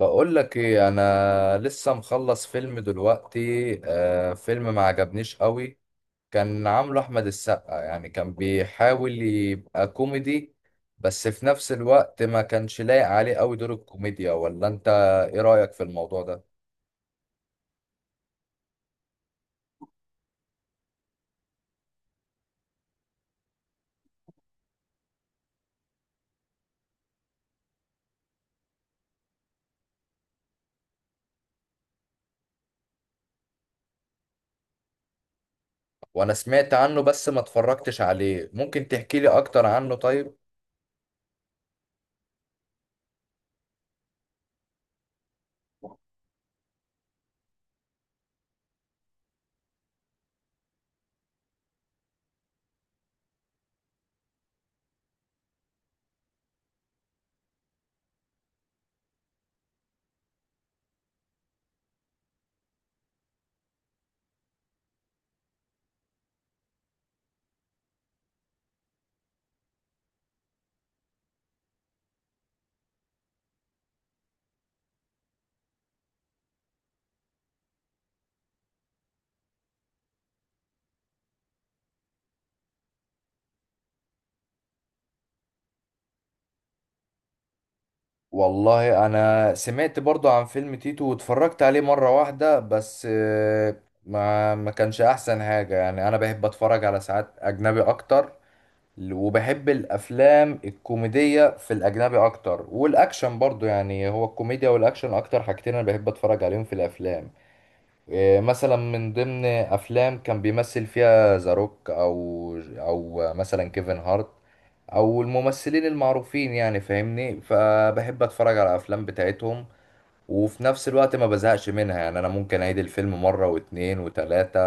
بقول لك ايه، انا لسه مخلص فيلم دلوقتي. فيلم ما عجبنيش قوي. كان عامله احمد السقا، يعني كان بيحاول يبقى كوميدي، بس في نفس الوقت ما كانش لايق عليه قوي دور الكوميديا. ولا انت، ايه رأيك في الموضوع ده؟ وانا سمعت عنه بس ما اتفرجتش عليه. ممكن تحكي لي اكتر عنه طيب؟ والله انا سمعت برضو عن فيلم تيتو واتفرجت عليه مرة واحدة بس، ما كانش احسن حاجة. يعني انا بحب اتفرج على ساعات اجنبي اكتر، وبحب الافلام الكوميدية في الاجنبي اكتر، والاكشن برضو. يعني هو الكوميديا والاكشن اكتر حاجتين انا بحب اتفرج عليهم في الافلام. إيه، مثلا من ضمن افلام كان بيمثل فيها ذا روك او مثلا كيفن هارت، او الممثلين المعروفين يعني، فاهمني؟ فبحب اتفرج على الافلام بتاعتهم. وفي نفس الوقت ما بزهقش منها، يعني انا ممكن اعيد الفيلم مرة واتنين وتلاتة،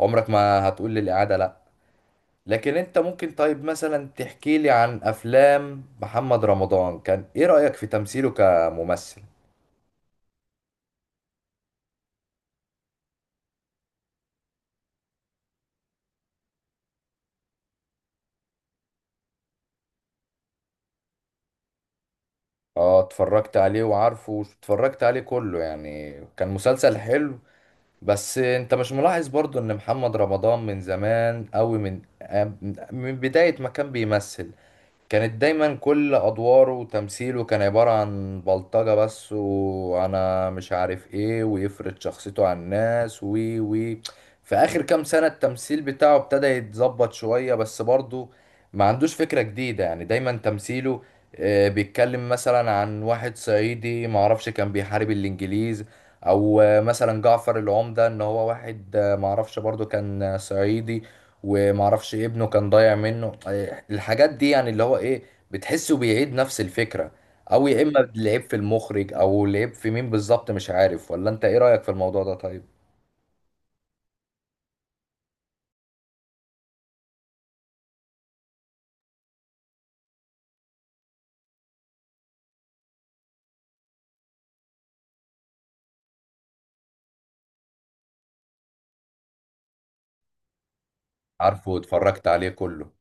عمرك ما هتقول لي الاعادة لا. لكن انت ممكن طيب مثلا تحكي لي عن افلام محمد رمضان؟ كان ايه رأيك في تمثيله كممثل؟ اه اتفرجت عليه، وعارفه اتفرجت عليه كله، يعني كان مسلسل حلو. بس انت مش ملاحظ برضو ان محمد رمضان من زمان قوي، من من بداية ما كان بيمثل، كانت دايما كل ادواره وتمثيله كان عبارة عن بلطجة بس، وانا مش عارف ايه، ويفرض شخصيته على الناس، وي وي في اخر كام سنة التمثيل بتاعه ابتدى يتظبط شوية، بس برضه ما عندوش فكرة جديدة. يعني دايما تمثيله، بيتكلم مثلا عن واحد صعيدي معرفش كان بيحارب الانجليز، او مثلا جعفر العمدة ان هو واحد، معرفش برضه كان صعيدي، ومعرفش إيه، ابنه كان ضايع منه، إيه، الحاجات دي. يعني اللي هو ايه، بتحسه بيعيد نفس الفكرة، او يا اما العيب في المخرج او العيب في مين بالظبط، مش عارف. ولا انت ايه رأيك في الموضوع ده طيب؟ عارفه واتفرجت عليه كله.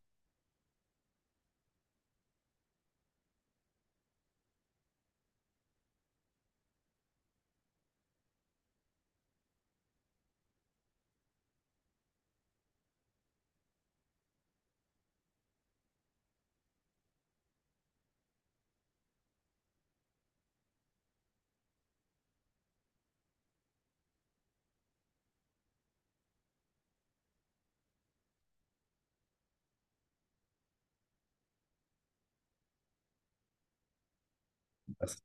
بس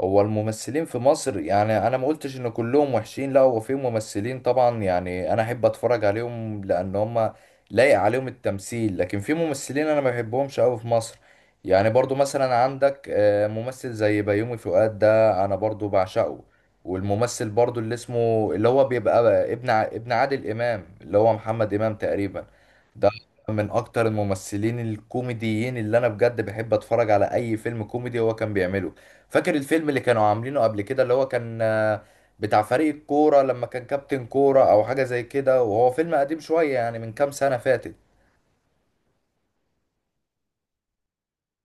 هو الممثلين في مصر، يعني انا ما قلتش ان كلهم وحشين، لا. هو في ممثلين طبعا يعني انا احب اتفرج عليهم لان هم لايق عليهم التمثيل، لكن في ممثلين انا ما بحبهمش قوي في مصر. يعني برضو مثلا عندك ممثل زي بيومي فؤاد، ده انا برضو بعشقه. والممثل برضو اللي اسمه، اللي هو بيبقى ابن ابن عادل امام، اللي هو محمد امام تقريبا، ده من اكتر الممثلين الكوميديين اللي انا بجد بحب اتفرج على اي فيلم كوميدي هو كان بيعمله. فاكر الفيلم اللي كانوا عاملينه قبل كده، اللي هو كان بتاع فريق الكورة، لما كان كابتن كورة أو حاجة زي كده؟ وهو فيلم قديم شوية يعني، من كام سنة فاتت.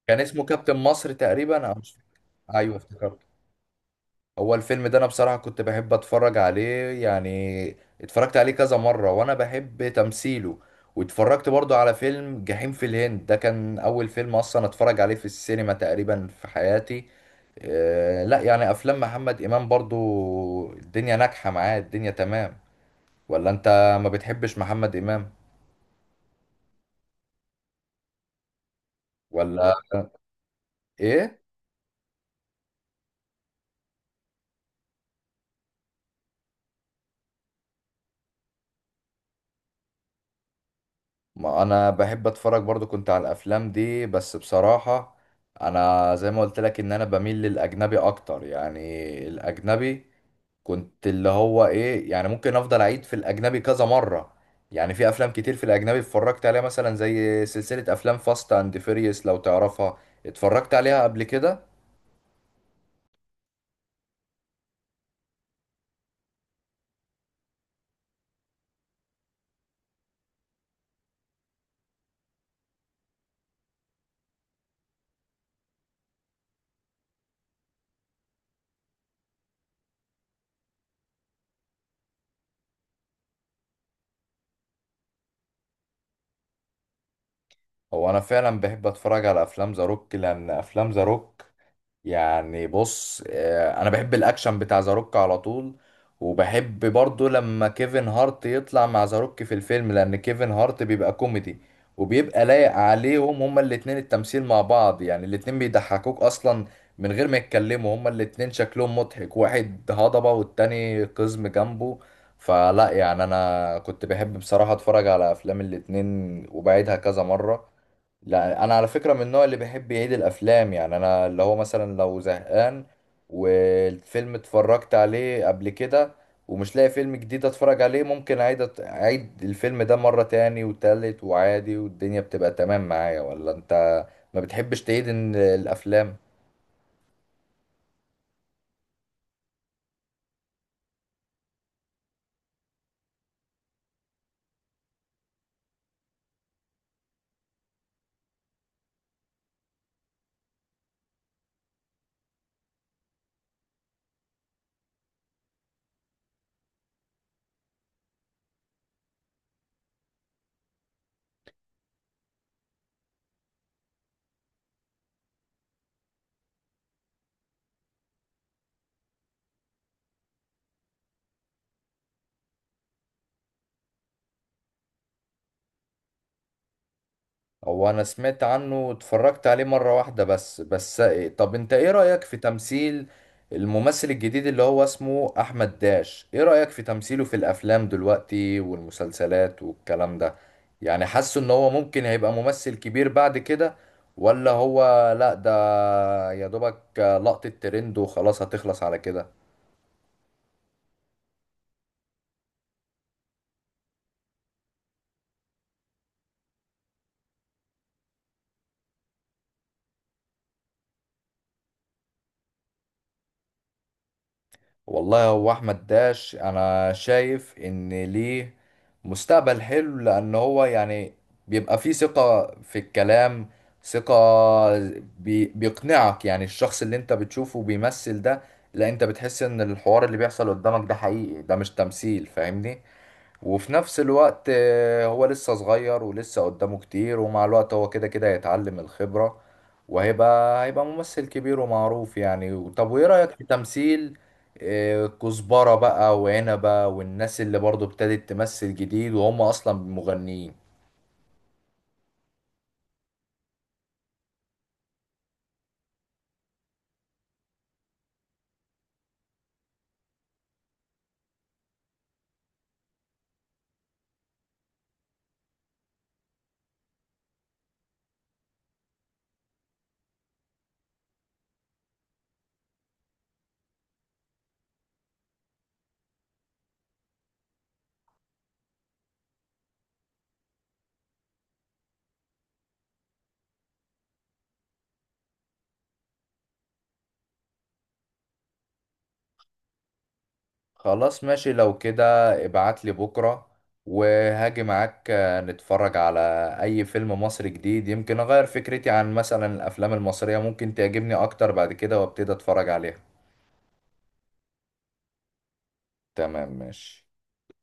كان اسمه كابتن مصر تقريبا أو مش فاكر. أيوه افتكرته. هو الفيلم ده أنا بصراحة كنت بحب أتفرج عليه يعني، اتفرجت عليه كذا مرة، وأنا بحب تمثيله. واتفرجت برضو على فيلم جحيم في الهند، ده كان أول فيلم أصلا أتفرج عليه في السينما تقريبا في حياتي. لا يعني افلام محمد امام برضو الدنيا ناجحه معاه، الدنيا تمام. ولا انت ما بتحبش محمد امام ولا ايه؟ ما انا بحب اتفرج برضو، كنت على الافلام دي، بس بصراحه انا زي ما قلت لك ان انا بميل للاجنبي اكتر. يعني الاجنبي كنت اللي هو ايه يعني، ممكن افضل اعيد في الاجنبي كذا مره. يعني في افلام كتير في الاجنبي اتفرجت عليها، مثلا زي سلسله افلام فاست اند فيريوس لو تعرفها، اتفرجت عليها قبل كده. هو انا فعلا بحب اتفرج على افلام ذا روك، لان افلام ذا روك يعني، بص، انا بحب الاكشن بتاع ذا روك على طول. وبحب برضو لما كيفن هارت يطلع مع ذا روك في الفيلم، لان كيفن هارت بيبقى كوميدي، وبيبقى لايق عليهم هما الاتنين التمثيل مع بعض. يعني الاتنين بيضحكوك اصلا من غير ما يتكلموا، هما الاتنين شكلهم مضحك، واحد هضبة والتاني قزم جنبه. فلا، يعني انا كنت بحب بصراحة اتفرج على افلام الاتنين، وبعيدها كذا مرة. لا انا على فكره من النوع اللي بيحب يعيد الافلام. يعني انا اللي هو مثلا لو زهقان، والفيلم اتفرجت عليه قبل كده، ومش لاقي فيلم جديد اتفرج عليه، ممكن اعيد اعيد الفيلم ده مره تاني وتالت، وعادي والدنيا بتبقى تمام معايا. ولا انت ما بتحبش تعيد الافلام؟ هو انا سمعت عنه واتفرجت عليه مرة واحدة بس. بس طب انت ايه رأيك في تمثيل الممثل الجديد اللي هو اسمه احمد داش؟ ايه رأيك في تمثيله في الافلام دلوقتي والمسلسلات والكلام ده؟ يعني حاسه ان هو ممكن هيبقى ممثل كبير بعد كده، ولا هو لا ده يا دوبك لقطة ترند وخلاص هتخلص على كده؟ والله هو احمد داش انا شايف ان ليه مستقبل حلو، لان هو يعني بيبقى فيه ثقة في الكلام، ثقة، بيقنعك. يعني الشخص اللي انت بتشوفه بيمثل ده، لا انت بتحس ان الحوار اللي بيحصل قدامك ده حقيقي، ده مش تمثيل، فاهمني؟ وفي نفس الوقت هو لسه صغير ولسه قدامه كتير، ومع الوقت هو كده كده هيتعلم الخبرة، وهيبقى ممثل كبير ومعروف يعني. طب وايه رأيك في تمثيل كزبرة بقى، وعنبة، والناس اللي برضو ابتدت تمثل جديد وهم اصلا مغنيين؟ خلاص ماشي لو كده، ابعت لي بكرة وهاجي معاك، نتفرج على اي فيلم مصري جديد. يمكن اغير فكرتي عن مثلا الافلام المصرية، ممكن تعجبني اكتر بعد كده وابتدي اتفرج عليها. تمام ماشي.